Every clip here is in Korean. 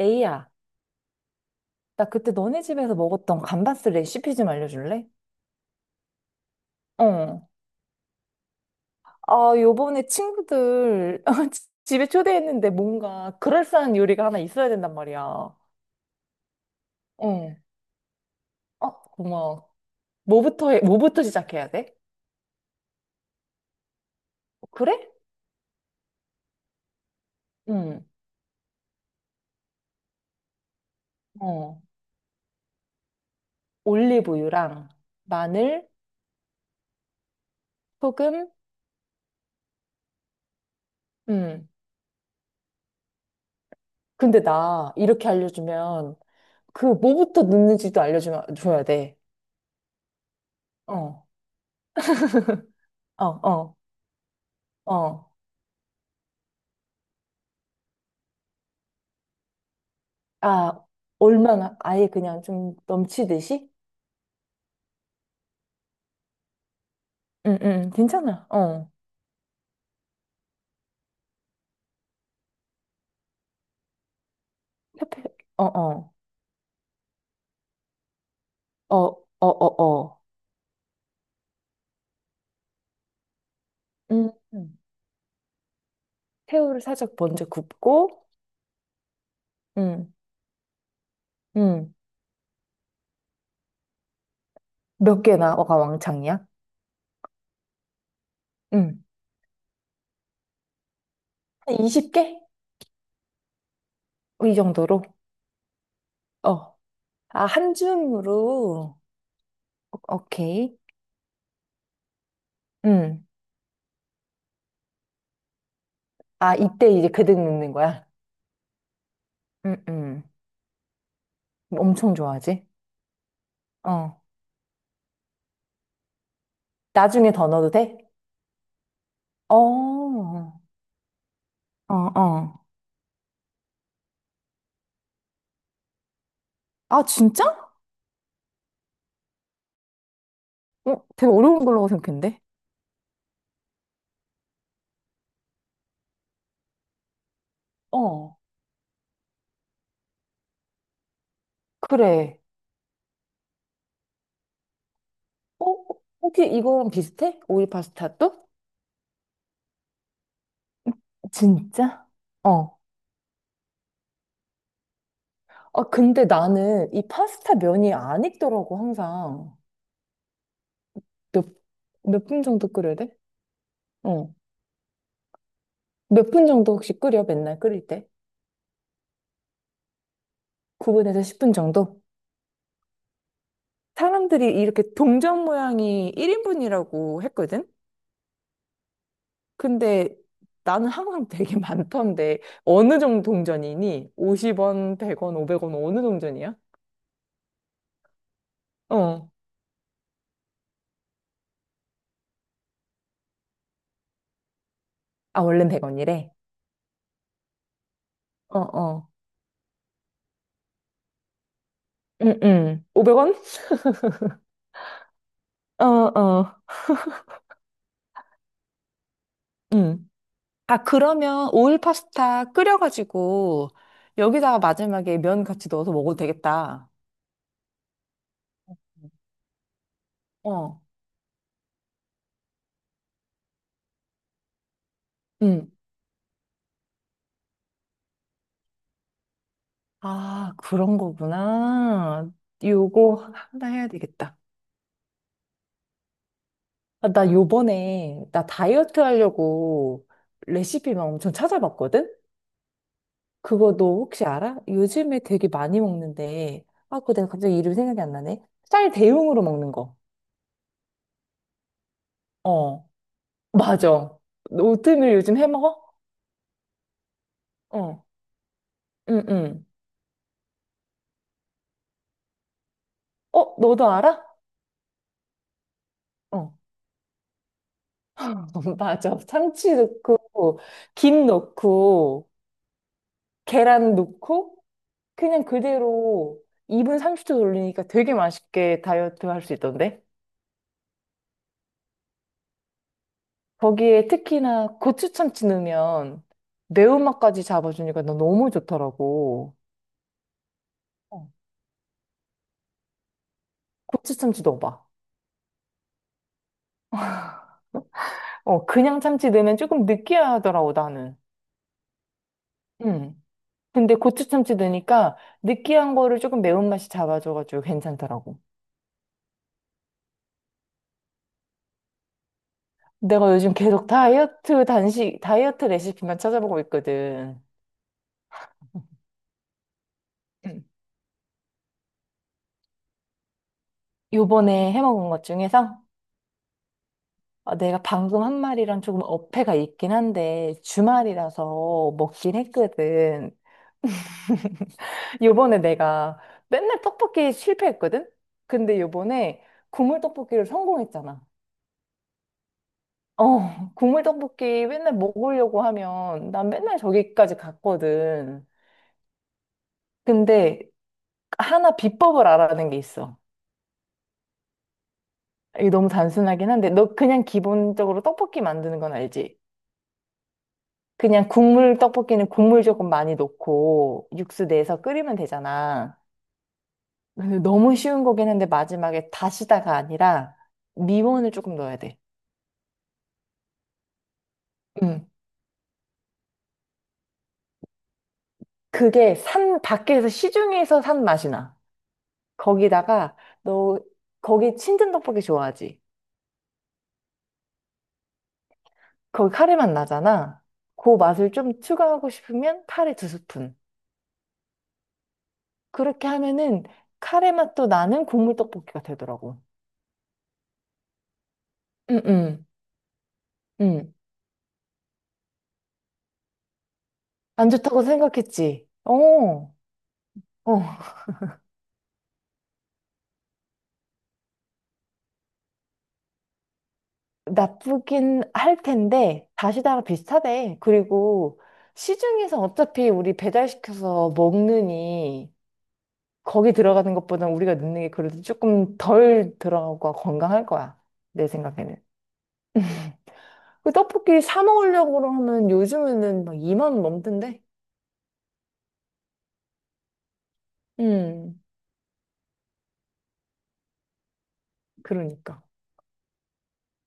에이야, 나 그때 너네 집에서 먹었던 감바스 레시피 좀 알려줄래? 어. 아, 요번에 친구들 집에 초대했는데 뭔가 그럴싸한 요리가 하나 있어야 된단 말이야. 어. 어, 고마워. 뭐부터 해, 뭐부터 시작해야 돼? 그래? 응. 어. 올리브유랑 마늘, 소금, 응. 근데 나 이렇게 알려주면 그 뭐부터 넣는지도 알려줘야 돼. 어. 어, 어, 어. 아, 얼마나 아예 그냥 좀 넘치듯이? 응, 응, 괜찮아. 어. 페페, 어, 어. 어, 어, 어, 어. 응, 응. 새우를 살짝 먼저 굽고, 응, 응. 몇 개나 어가 왕창이야? 응. 한 20개? 이 정도로? 어. 아, 한 줌으로? 오케이. 응. 아, 이때 이제 그득 넣는 거야? 응, 응. 엄청 좋아하지? 어. 나중에 더 넣어도 돼? 어, 어, 어. 아, 진짜? 어? 되게 어려운 걸로 생각했는데? 어. 그래. 어? 혹시 이거랑 비슷해? 오일 파스타도? 진짜? 어. 아, 근데 나는 이 파스타 면이 안 익더라고, 항상. 몇, 몇 분 정도 끓여야 돼? 어. 몇 분 정도 혹시 끓여, 맨날 끓일 때? 9분에서 10분 정도? 사람들이 이렇게 동전 모양이 1인분이라고 했거든? 근데 나는 항상 되게 많던데, 어느 정도 동전이니? 50원, 100원, 500원, 어느 동전이야? 어. 아, 원래는 100원이래. 어, 어. 응, 응. 500원? 어, 어. 응. 아, 그러면 오일 파스타 끓여가지고 여기다가 마지막에 면 같이 넣어서 먹어도 되겠다. 어. 응. 아, 그런 거구나. 요거 하나 해야 되겠다. 아, 나 요번에 나 다이어트 하려고 레시피만 엄청 찾아봤거든? 그거 너 혹시 알아? 요즘에 되게 많이 먹는데, 아, 그거 내가 갑자기 이름 생각이 안 나네. 쌀 대용으로 먹는 거. 어, 맞아. 너 오트밀 요즘 해 먹어? 어, 응, 응. 어, 너도 알아? 어, 맞아. 참치 넣고, 김 넣고, 계란 넣고, 그냥 그대로 2분 30초 돌리니까 되게 맛있게 다이어트 할 수 있던데? 거기에 특히나 고추 참치 넣으면 매운맛까지 잡아주니까 나 너무 좋더라고. 어, 고추 참치 넣어봐. 어, 그냥 참치 넣으면 조금 느끼하더라고, 나는. 음. 근데 고추 참치 넣으니까 느끼한 거를 조금 매운맛이 잡아줘가지고 괜찮더라고. 내가 요즘 계속 다이어트 단식, 다이어트 레시피만 찾아보고 있거든. 음. 요번에 해먹은 것 중에서 어, 내가 방금 한 말이랑 조금 어폐가 있긴 한데 주말이라서 먹긴 했거든. 요번에 내가 맨날 떡볶이 실패했거든? 근데 요번에 국물 떡볶이를 성공했잖아. 어, 국물 떡볶이 맨날 먹으려고 하면 난 맨날 저기까지 갔거든. 근데 하나 비법을 알아낸 게 있어. 이게 너무 단순하긴 한데 너 그냥 기본적으로 떡볶이 만드는 건 알지? 그냥 국물 떡볶이는 국물 조금 많이 넣고 육수 내서 끓이면 되잖아. 근데 너무 쉬운 거긴 한데 마지막에 다시다가 아니라 미원을 조금 넣어야 돼. 응. 그게 산 밖에서 시중에서 산 맛이 나. 거기다가 너 거기 친든 떡볶이 좋아하지? 거기 카레 맛 나잖아. 그 맛을 좀 추가하고 싶으면 카레 두 스푼. 그렇게 하면은 카레 맛도 나는 국물 떡볶이가 되더라고. 응응 응. 응. 안 좋다고 생각했지. 어, 어. 나쁘긴 할 텐데 다시다랑 비슷하대. 그리고 시중에서 어차피 우리 배달시켜서 먹느니 거기 들어가는 것보다 우리가 넣는 게 그래도 조금 덜 들어가고 건강할 거야. 내 생각에는. 그 떡볶이 사 먹으려고 하면 요즘에는 막 2만 원 넘던데? 음, 그러니까.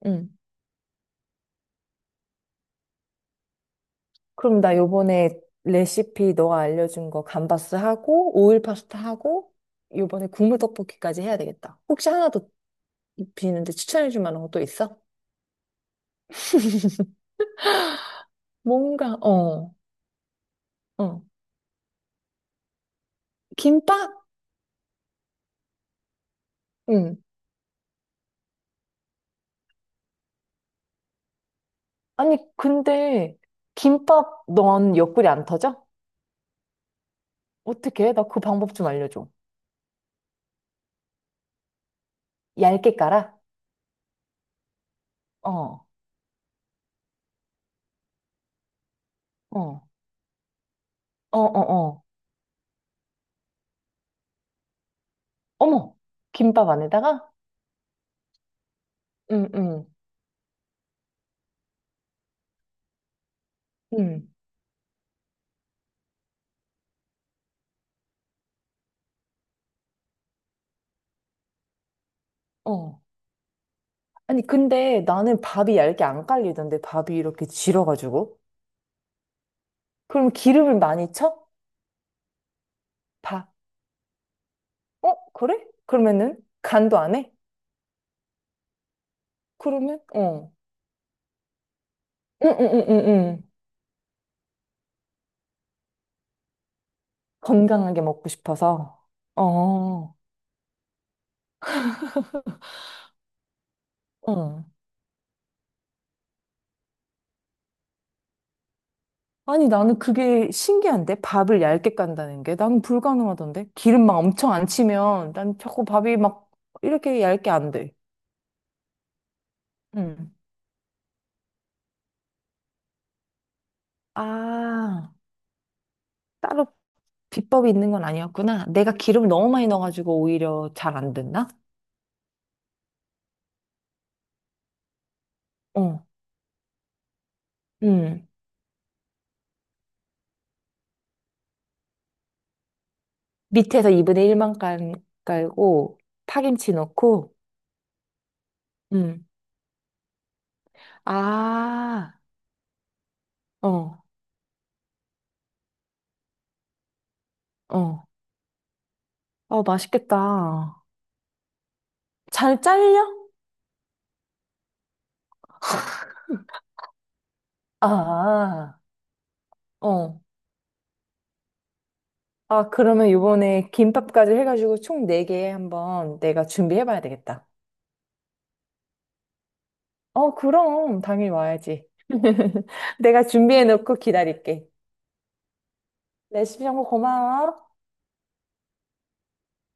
음. 그럼 나 요번에 레시피 너가 알려준 거 감바스 하고, 오일 파스타 하고, 요번에 국물 떡볶이까지 해야 되겠다. 혹시 하나 더 비는데 추천해줄 만한 거 또 있어? 뭔가, 어, 어. 김밥? 아니, 근데 김밥 넌 옆구리 안 터져? 어떻게? 해? 나 그 방법 좀 알려줘. 얇게 깔아? 어, 어, 어, 어, 어. 어머, 김밥 안에다가? 응, 응, 응, 어. 아니, 근데 나는 밥이 얇게 안 깔리던데, 밥이 이렇게 질어가지고. 그럼 기름을 많이 쳐? 밥. 어, 그래? 그러면은 간도 안 해? 그러면? 어. 응, 응, 응, 응, 응. 건강하게 먹고 싶어서. 어, 어. 아니, 나는 그게 신기한데? 밥을 얇게 깐다는 게? 난 불가능하던데? 기름 막 엄청 안 치면 난 자꾸 밥이 막 이렇게 얇게 안 돼. 응. 아, 따로 비법이 있는 건 아니었구나. 내가 기름을 너무 많이 넣어가지고 오히려 잘 안 됐나? 어. 응. 밑에서 2분의 1만 깔고 파김치 넣고. 응. 아, 어, 어. 어, 맛있겠다. 잘 잘려? 아, 어. 아, 그러면 요번에 김밥까지 해가지고 총 4개 한번 내가 준비해봐야 되겠다. 어, 그럼. 당연히 와야지. 내가 준비해놓고 기다릴게. 레시피 정보 고마워.